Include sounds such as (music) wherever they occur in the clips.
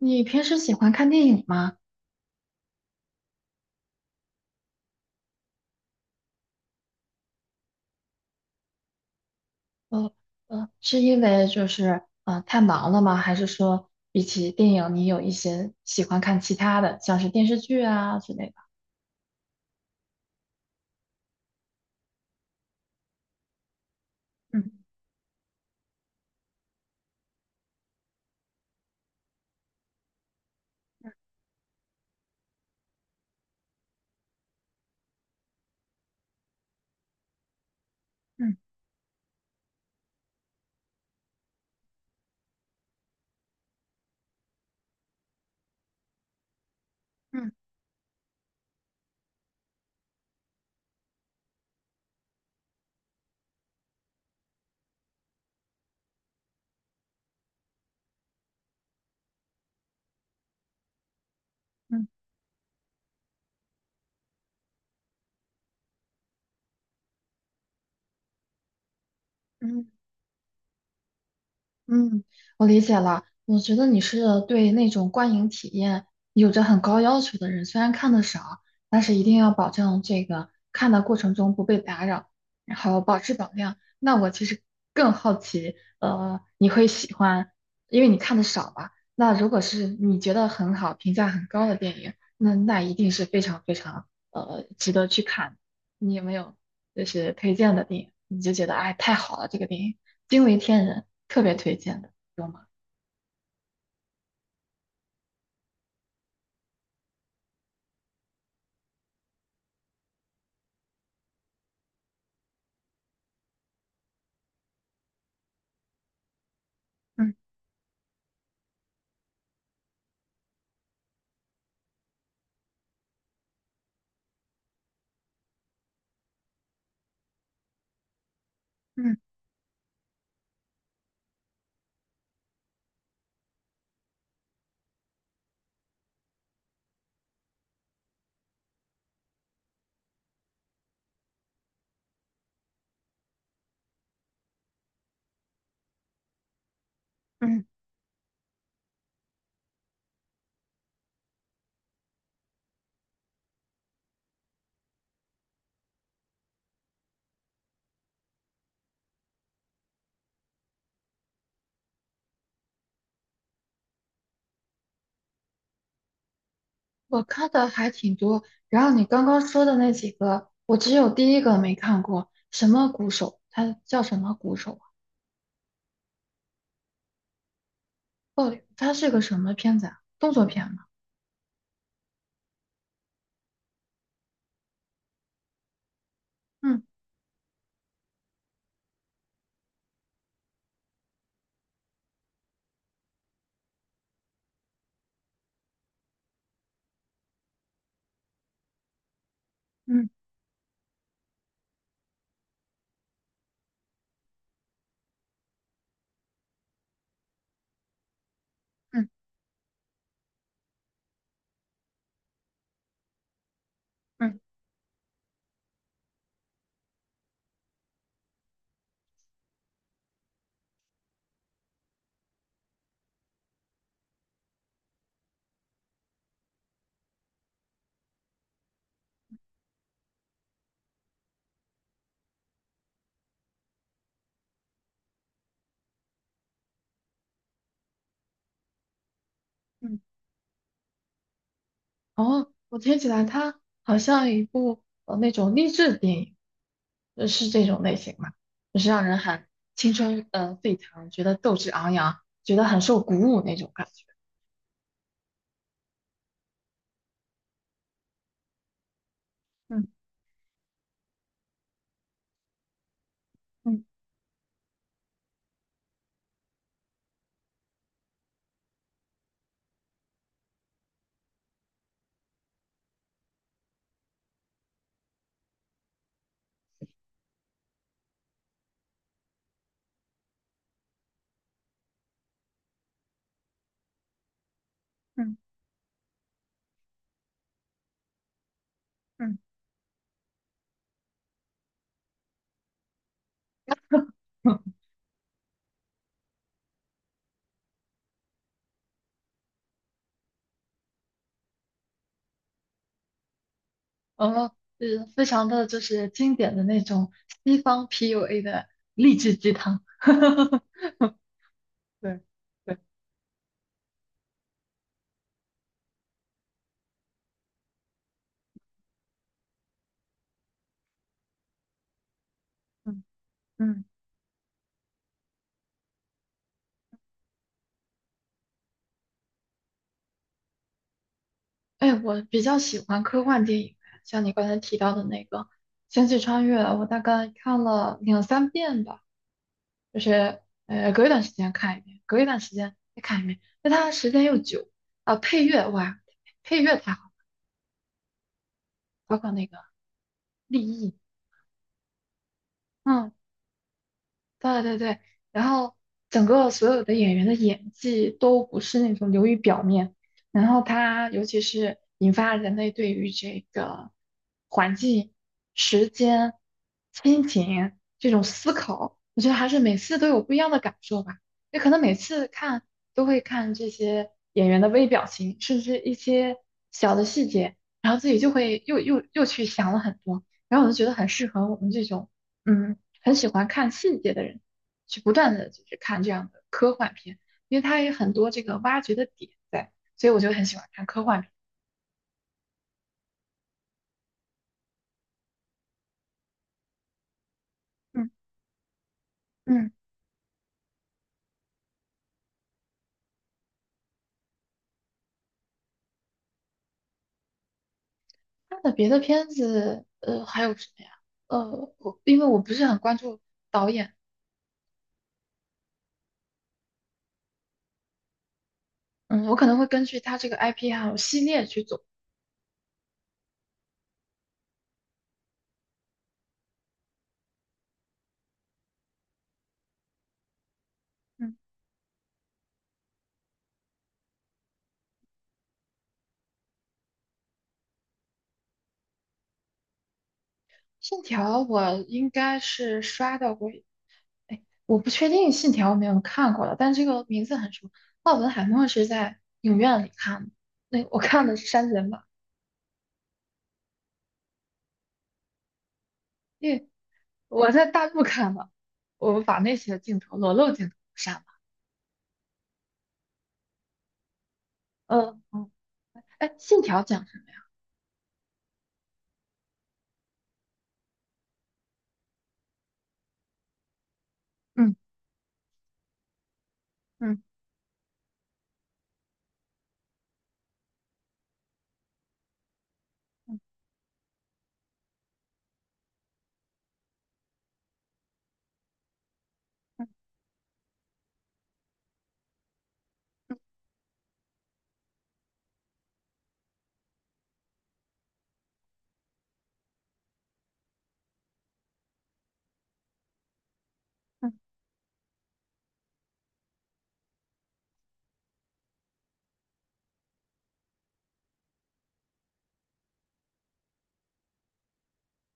你平时喜欢看电影吗？呃是因为就是太忙了吗？还是说比起电影，你有一些喜欢看其他的，像是电视剧啊之类的？嗯嗯嗯嗯嗯。嗯，我理解了。我觉得你是对那种观影体验有着很高要求的人，虽然看的少，但是一定要保证这个看的过程中不被打扰，然后保质保量。那我其实更好奇，你会喜欢，因为你看的少吧？那如果是你觉得很好、评价很高的电影，那一定是非常非常值得去看。你有没有就是推荐的电影，你就觉得哎太好了，这个电影惊为天人，特别推荐的，有吗？嗯嗯嗯，我看的还挺多，然后你刚刚说的那几个，我只有第一个没看过，什么鼓手？他叫什么鼓手啊？哦，他是个什么片子啊？动作片吗？嗯嗯嗯嗯嗯，哦，我听起来它好像一部那种励志电影，是这种类型嘛，就是让人很青春沸腾，觉得斗志昂扬，觉得很受鼓舞那种感觉。嗯嗯嗯嗯，(laughs) 哦，是非常的就是经典的那种西方 PUA 的励志鸡汤。(laughs) 对对，嗯嗯，哎，我比较喜欢科幻电影，像你刚才提到的那个《星际穿越》，我大概看了两三遍吧，就是隔一段时间看一遍，隔一段时间再看一遍，因为它时间又久啊、配乐哇，配乐太好，包括那个立意，嗯，对对对，然后整个所有的演员的演技都不是那种流于表面，然后他尤其是引发人类对于这个环境、时间、亲情这种思考，我觉得还是每次都有不一样的感受吧。也可能每次看都会看这些演员的微表情，甚至一些小的细节，然后自己就会又去想了很多，然后我就觉得很适合我们这种。嗯，很喜欢看细节的人，去不断的就是看这样的科幻片，因为它有很多这个挖掘的点在，所以我就很喜欢看科幻片。嗯嗯，他的别的片子，还有什么呀？我因为我不是很关注导演，嗯，我可能会根据他这个 IP 还有系列去走。嗯，信条我应该是刷到过，哎，我不确定信条有没有看过了，但这个名字很熟。奥本海默是在影院里看的，那我看的是删减版，因为我在大陆看的，我把那些镜头裸露镜头删了。嗯嗯，哎，信条讲什么呀？嗯嗯，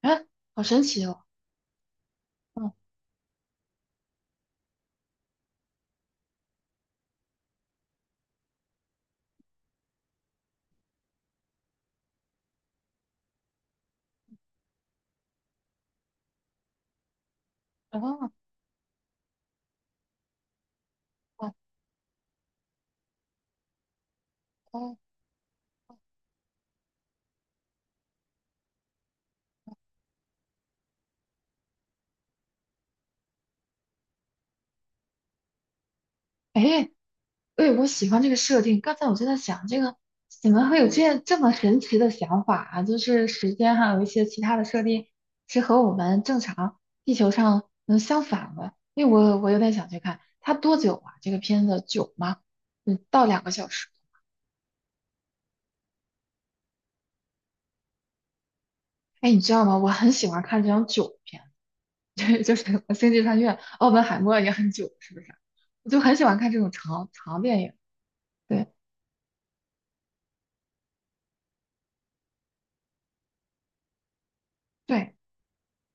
哎，好神奇哦。嗯哦哦哦，哎哎，我喜欢这个设定。刚才我就在想，这个怎么会有这样这么神奇的想法啊？就是时间还有一些其他的设定是和我们正常地球上能相反的。因为我有点想去看它多久啊？这个片子久吗？嗯，到2个小时。哎，你知道吗？我很喜欢看这种久片，(laughs) 对，就是 (laughs) 什么《星际穿越》《奥本海默》也很久，是不是？我就很喜欢看这种长长电影。对对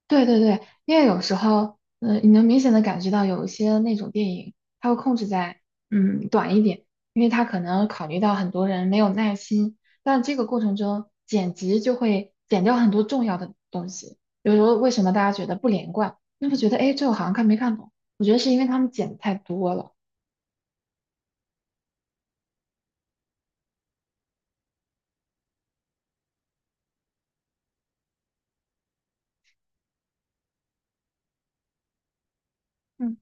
对对对，因为有时候，嗯、你能明显的感觉到有一些那种电影，它会控制在短一点，因为它可能考虑到很多人没有耐心，但这个过程中剪辑就会剪掉很多重要的东西。比如说，为什么大家觉得不连贯？那会觉得哎，诶这我好像看没看懂？我觉得是因为他们剪得太多了。嗯，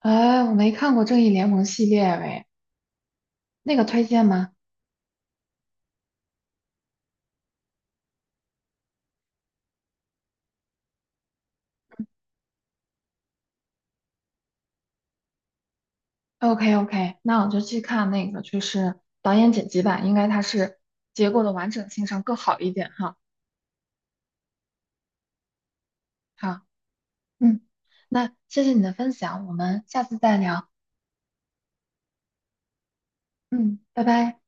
哎，我没看过《正义联盟》系列喂，那个推荐吗？OK OK，那我就去看那个，就是导演剪辑版，应该它是结构的完整性上更好一点哈。好，嗯，那谢谢你的分享，我们下次再聊，嗯，拜拜。